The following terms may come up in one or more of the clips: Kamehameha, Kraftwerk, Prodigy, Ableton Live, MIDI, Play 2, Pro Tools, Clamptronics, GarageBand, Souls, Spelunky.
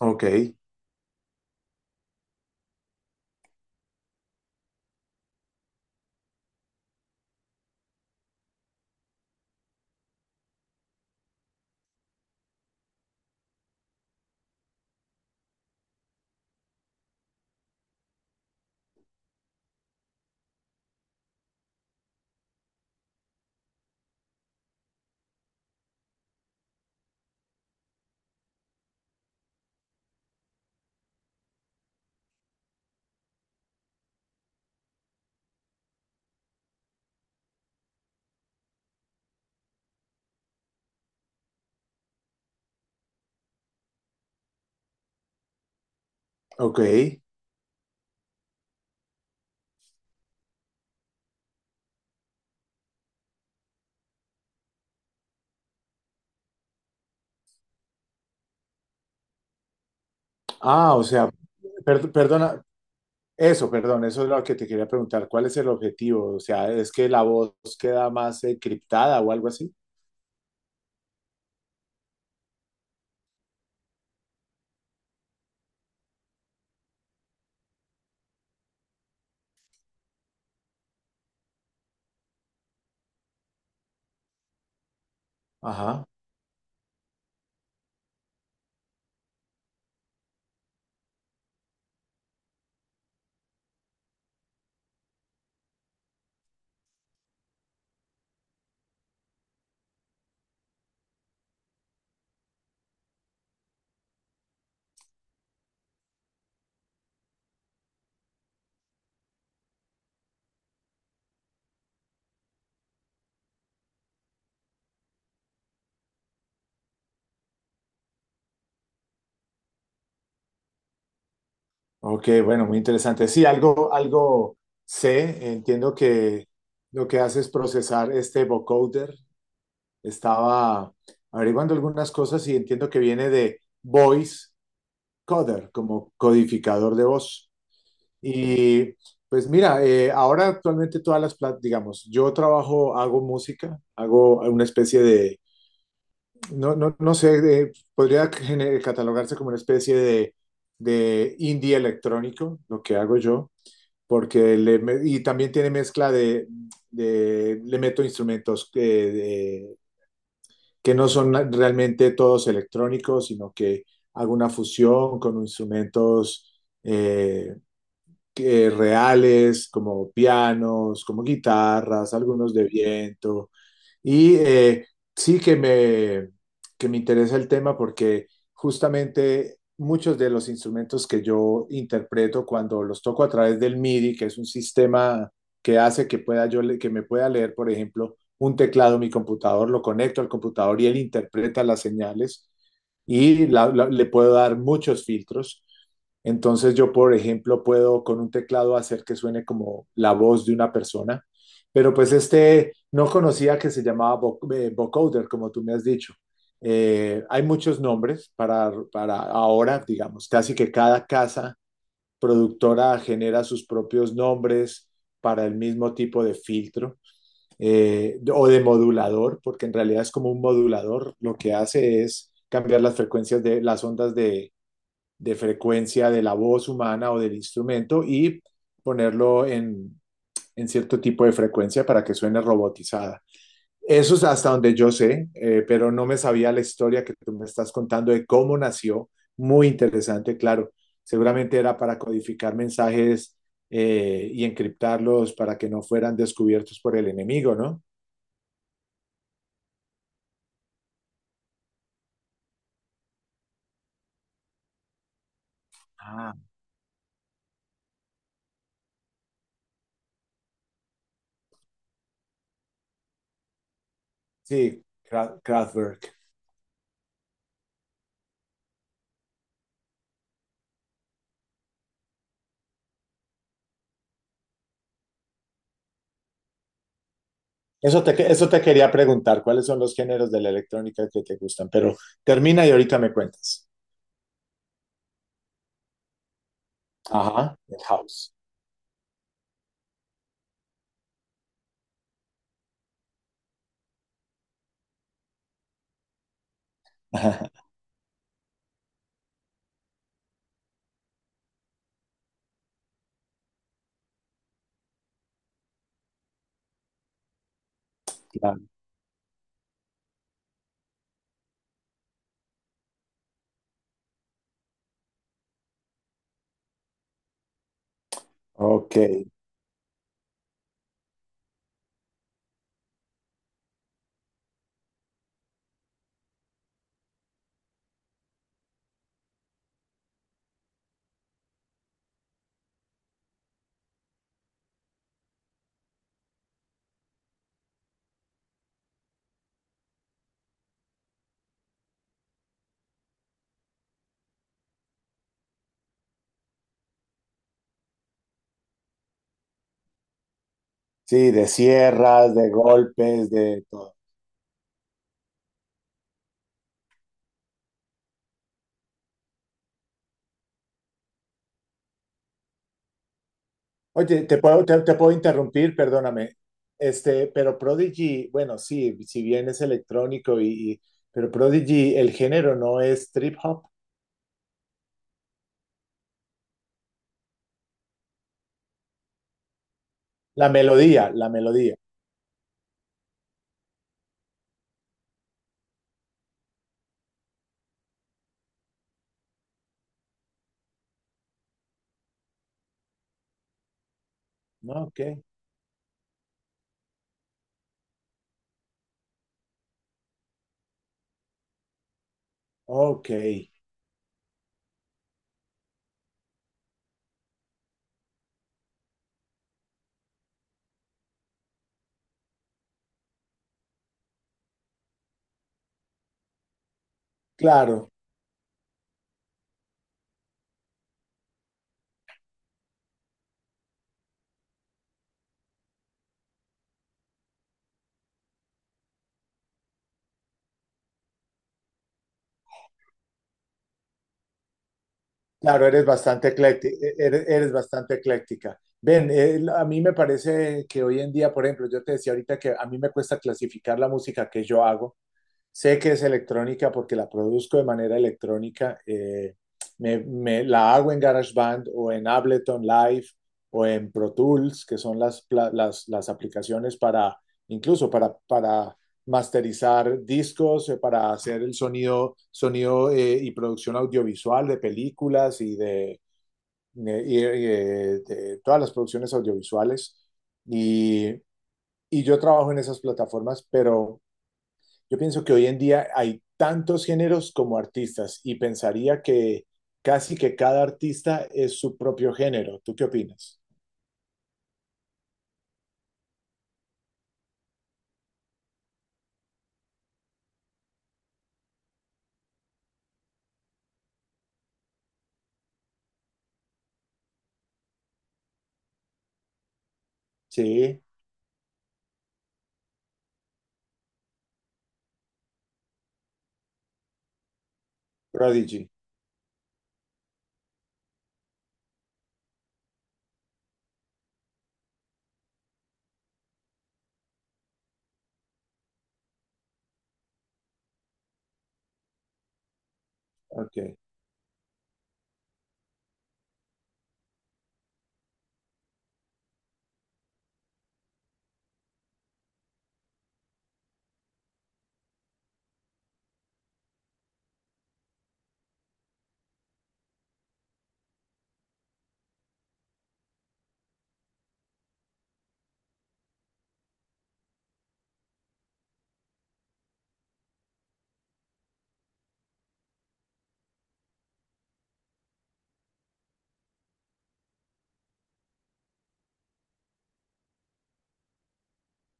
Ok, ok. O sea, perdona, perdón, eso es lo que te quería preguntar. ¿Cuál es el objetivo? O sea, ¿es que la voz queda más criptada o algo así? Ajá. Ok, bueno, muy interesante. Sí, algo sé. Entiendo que lo que hace es procesar este vocoder. Estaba averiguando algunas cosas y entiendo que viene de voice coder, como codificador de voz. Y pues mira, ahora actualmente digamos, yo trabajo, hago música, hago una especie de, no sé, podría catalogarse como una especie de indie electrónico, lo que hago yo, porque y también tiene mezcla de, le meto instrumentos que no son realmente todos electrónicos, sino que hago una fusión con instrumentos. eh, que reales, como pianos, como guitarras, algunos de viento, y sí que me interesa el tema porque justamente muchos de los instrumentos que yo interpreto cuando los toco a través del MIDI, que es un sistema que hace que que me pueda leer, por ejemplo, un teclado, mi computador, lo conecto al computador y él interpreta las señales y le puedo dar muchos filtros. Entonces yo, por ejemplo, puedo con un teclado hacer que suene como la voz de una persona, pero pues este no conocía que se llamaba vocoder, como tú me has dicho. Hay muchos nombres para ahora, digamos, casi que cada casa productora genera sus propios nombres para el mismo tipo de filtro, o de modulador, porque en realidad es como un modulador, lo que hace es cambiar las frecuencias de las ondas de frecuencia de la voz humana o del instrumento y ponerlo en cierto tipo de frecuencia para que suene robotizada. Eso es hasta donde yo sé, pero no me sabía la historia que tú me estás contando de cómo nació. Muy interesante, claro. Seguramente era para codificar mensajes, y encriptarlos para que no fueran descubiertos por el enemigo, ¿no? Ah. Sí, Kraftwerk. Eso te quería preguntar, ¿cuáles son los géneros de la electrónica que te gustan? Pero termina y ahorita me cuentas. Ajá, el house. Claro. Ok. Sí, de sierras, de golpes, de todo. Oye, te puedo interrumpir, perdóname. Este, pero Prodigy, bueno, sí, si bien es electrónico y- pero Prodigy, el género no es trip hop. La melodía. ¿No? Ok, ok, claro. Claro, eres bastante ecléctica, eres bastante ecléctica. Ven, a mí me parece que hoy en día, por ejemplo, yo te decía ahorita que a mí me cuesta clasificar la música que yo hago. Sé que es electrónica porque la produzco de manera electrónica. La hago en GarageBand o en Ableton Live o en Pro Tools, que son las aplicaciones para, incluso para masterizar discos, para hacer el sonido, y producción audiovisual de películas y de, de todas las producciones audiovisuales. Y, y yo trabajo en esas plataformas, pero yo pienso que hoy en día hay tantos géneros como artistas y pensaría que casi que cada artista es su propio género. ¿Tú qué opinas? Sí, Prodigy. Ok.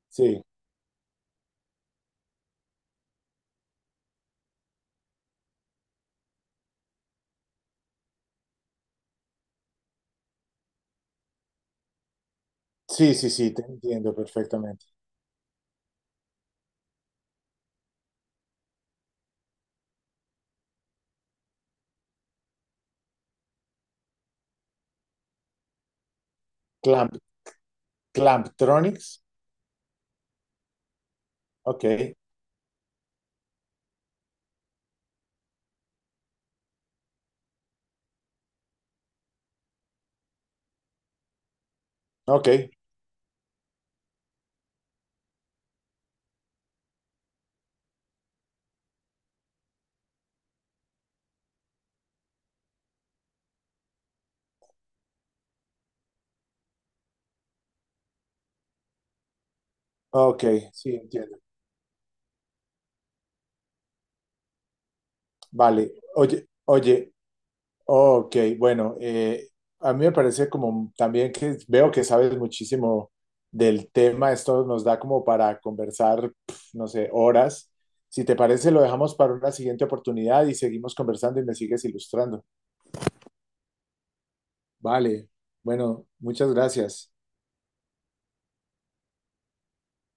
Sí, sí, te entiendo perfectamente. Clamp, Clamptronics. Ok, ok, ok, sí, entiendo. Vale, oye, ok, bueno, a mí me parece como también que veo que sabes muchísimo del tema, esto nos da como para conversar, pf, no sé, horas. Si te parece, lo dejamos para una siguiente oportunidad y seguimos conversando y me sigues ilustrando. Vale, bueno, muchas gracias.